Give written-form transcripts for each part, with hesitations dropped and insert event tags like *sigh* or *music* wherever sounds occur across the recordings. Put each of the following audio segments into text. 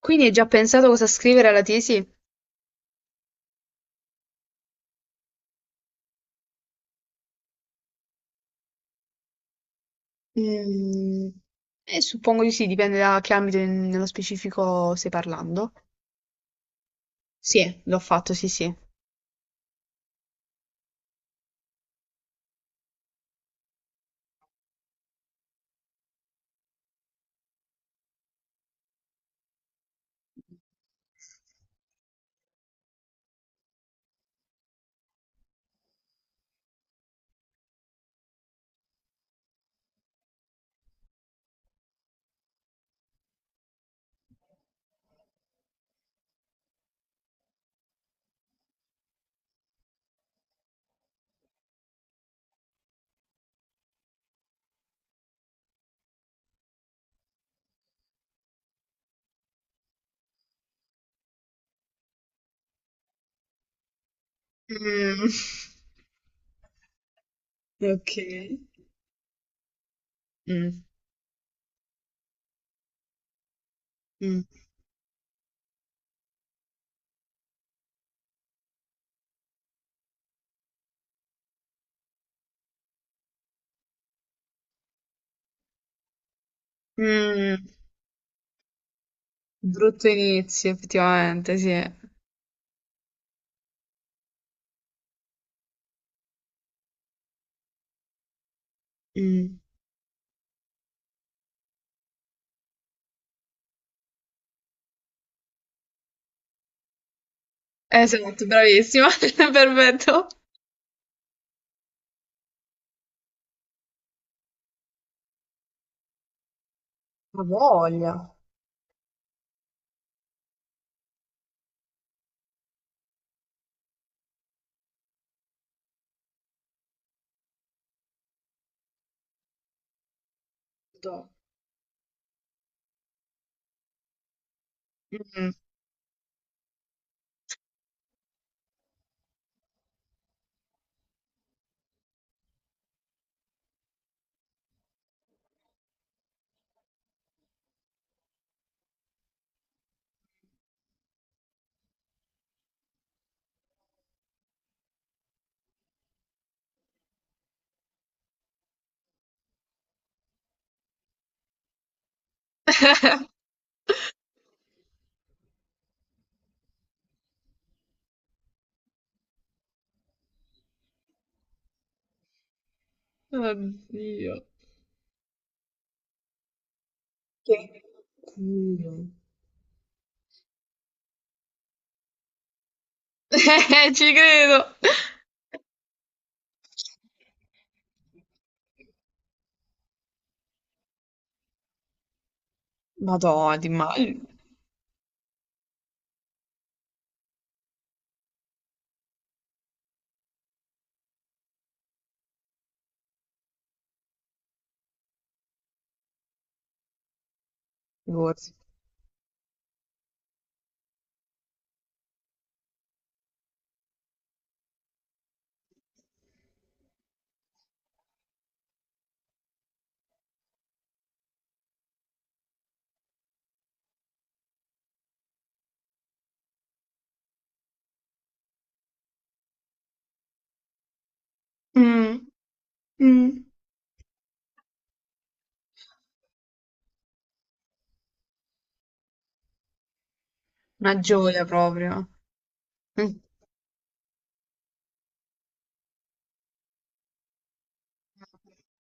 Quindi hai già pensato cosa scrivere alla tesi? Mm, suppongo di sì, dipende da che ambito nello specifico stai parlando. Sì, l'ho fatto, sì, sì. Mm. *laughs* Ok. Mm, mm. Mm, brutto inizio, effettivamente, sì. Mm. Esatto, bravissima, *laughs* perfetto. Ha voglia. Do. Mm. *laughs* Oddio. Che mm. *laughs* Ci credo. Madonna, ti immagino. Figurati. Mm, mm. Una gioia proprio. Mm. *laughs*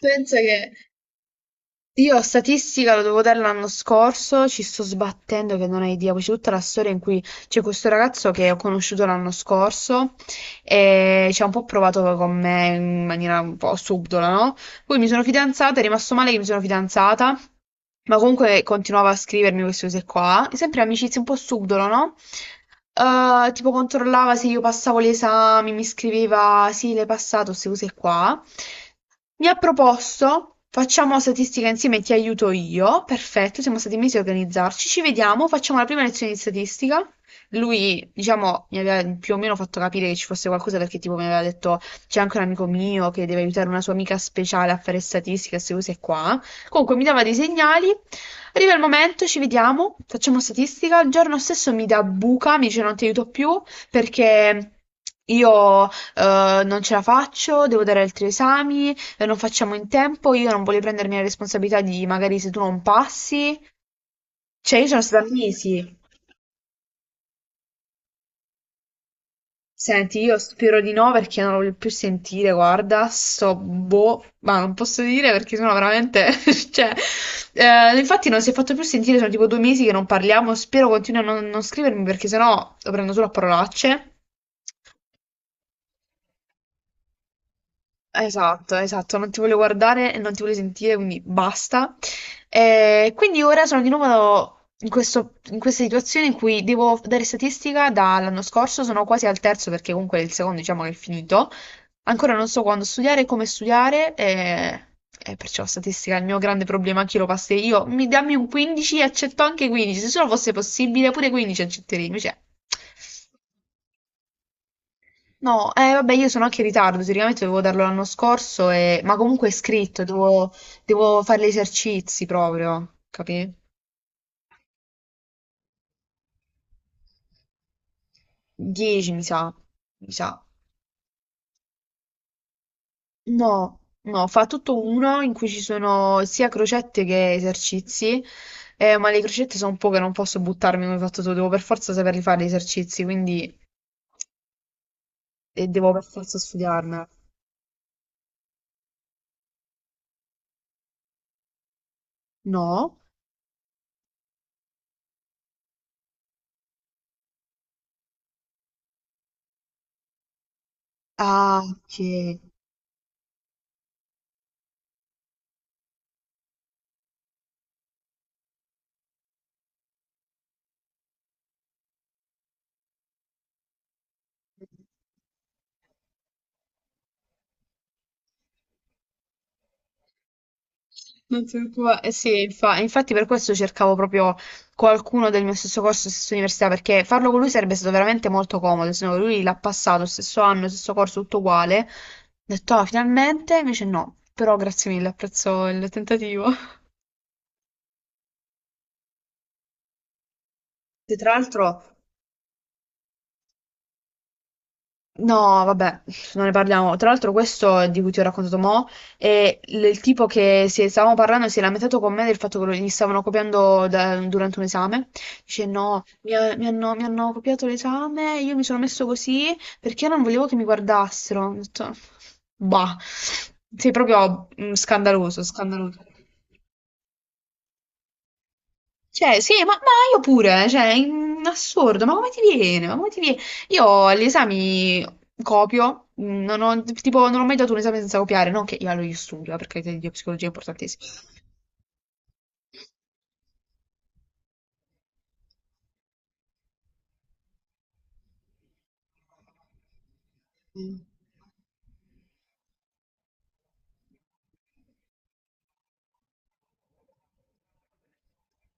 Pensa che io statistica lo devo dare l'anno scorso, ci sto sbattendo che non hai idea, poi c'è tutta la storia in cui c'è questo ragazzo che ho conosciuto l'anno scorso e ci ha un po' provato con me in maniera un po' subdola, no? Poi mi sono fidanzata, è rimasto male che mi sono fidanzata, ma comunque continuava a scrivermi queste cose qua, sempre amicizie un po' subdolo, no? Tipo controllava se io passavo gli esami, mi scriveva sì, l'hai passato, queste cose qua. Mi ha proposto, facciamo statistica insieme, ti aiuto io, perfetto, siamo stati mesi a organizzarci, ci vediamo, facciamo la prima lezione di statistica. Lui, diciamo, mi aveva più o meno fatto capire che ci fosse qualcosa perché tipo mi aveva detto c'è anche un amico mio che deve aiutare una sua amica speciale a fare statistica, queste cose qua. Comunque mi dava dei segnali, arriva il momento, ci vediamo, facciamo statistica, il giorno stesso mi dà buca, mi dice non ti aiuto più perché io non ce la faccio, devo dare altri esami, non facciamo in tempo, io non voglio prendermi la responsabilità di magari se tu non passi, cioè io sono stata mesi. Senti, io spero di no perché non lo voglio più sentire, guarda, sto boh, ma non posso dire perché sono veramente, *laughs* cioè, infatti non si è fatto più sentire, sono tipo due mesi che non parliamo, spero continui a non scrivermi perché sennò lo prendo solo a parolacce. Esatto, esatto, non ti voglio guardare e non ti voglio sentire, quindi basta. E quindi ora sono di nuovo in in questa situazione in cui devo dare statistica dall'anno scorso, sono quasi al terzo perché comunque il secondo diciamo che è finito. Ancora non so quando studiare, come studiare, e perciò statistica è il mio grande problema, anche lo passerei io. Mi dammi un 15 e accetto anche 15, se solo fosse possibile pure 15 accetterei, invece... No, vabbè, io sono anche in ritardo, teoricamente dovevo darlo l'anno scorso, ma comunque è scritto, devo, devo fare gli esercizi proprio, capi? 10 mi sa, mi sa. No, no, fa tutto uno in cui ci sono sia crocette che esercizi, ma le crocette sono poche, non posso buttarmi come hai fatto tu, devo per forza saperli fare gli esercizi, quindi devo per forza studiarmela. No? Ah, ok. Non ti preoccupare, eh sì, infatti per questo cercavo proprio qualcuno del mio stesso corso, stessa università, perché farlo con lui sarebbe stato veramente molto comodo, se no lui l'ha passato, stesso anno, stesso corso, tutto uguale. Ho detto, ah, finalmente, invece no, però grazie mille, apprezzo il tentativo. E tra l'altro, no, vabbè, non ne parliamo. Tra l'altro, questo di cui ti ho raccontato mo' è il tipo che stavamo parlando e si è lamentato con me del fatto che gli stavano copiando durante un esame. Dice: no, mi hanno copiato l'esame, io mi sono messo così perché non volevo che mi guardassero. Ho detto, bah, sei proprio mm, scandaloso, scandaloso. Cioè, sì, ma io pure, cioè, in assurdo, ma come ti viene? Ma come ti viene? Io agli esami copio, non ho, tipo, non ho mai dato un esame senza copiare, non che io, allora, io studio, perché la psicologia è importantissima. Mm.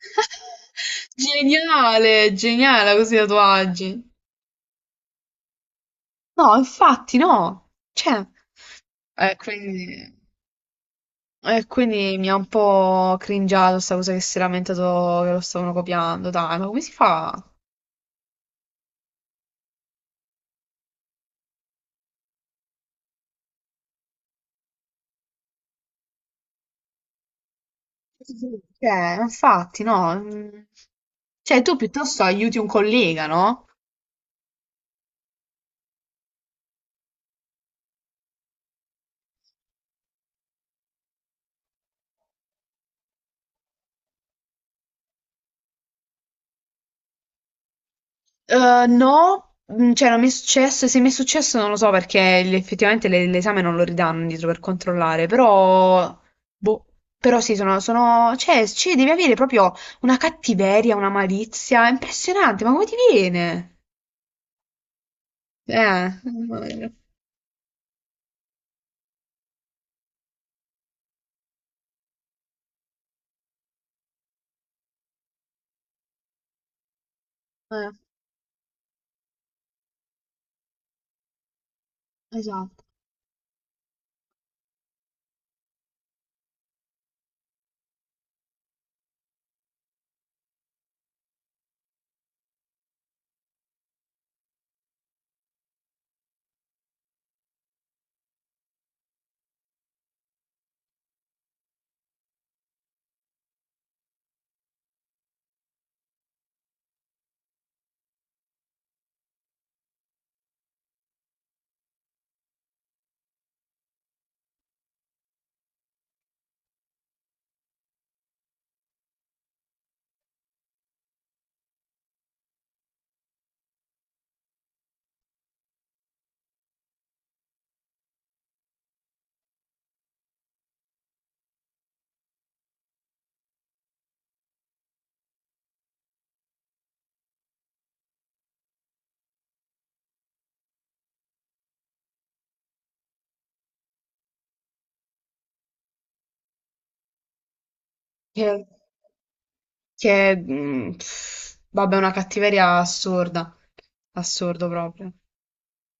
*laughs* Geniale, geniale così i tatuaggi. No, infatti no. Cioè, quindi, quindi mi ha un po' cringiato sta cosa che si è lamentato che lo stavano copiando. Dai, ma come si fa? Cioè, infatti, no. Mm. Cioè, tu piuttosto aiuti un collega, no? No, mm, cioè non mi è successo, e se mi è successo non lo so perché effettivamente l'esame non lo ridanno indietro per controllare, però, boh, però sì, cioè, cioè, devi avere proprio una cattiveria, una malizia, è impressionante, ma come ti viene? Mamma mia. Eh, esatto. Eh. Che, pff, vabbè, una cattiveria assurda, assurdo proprio.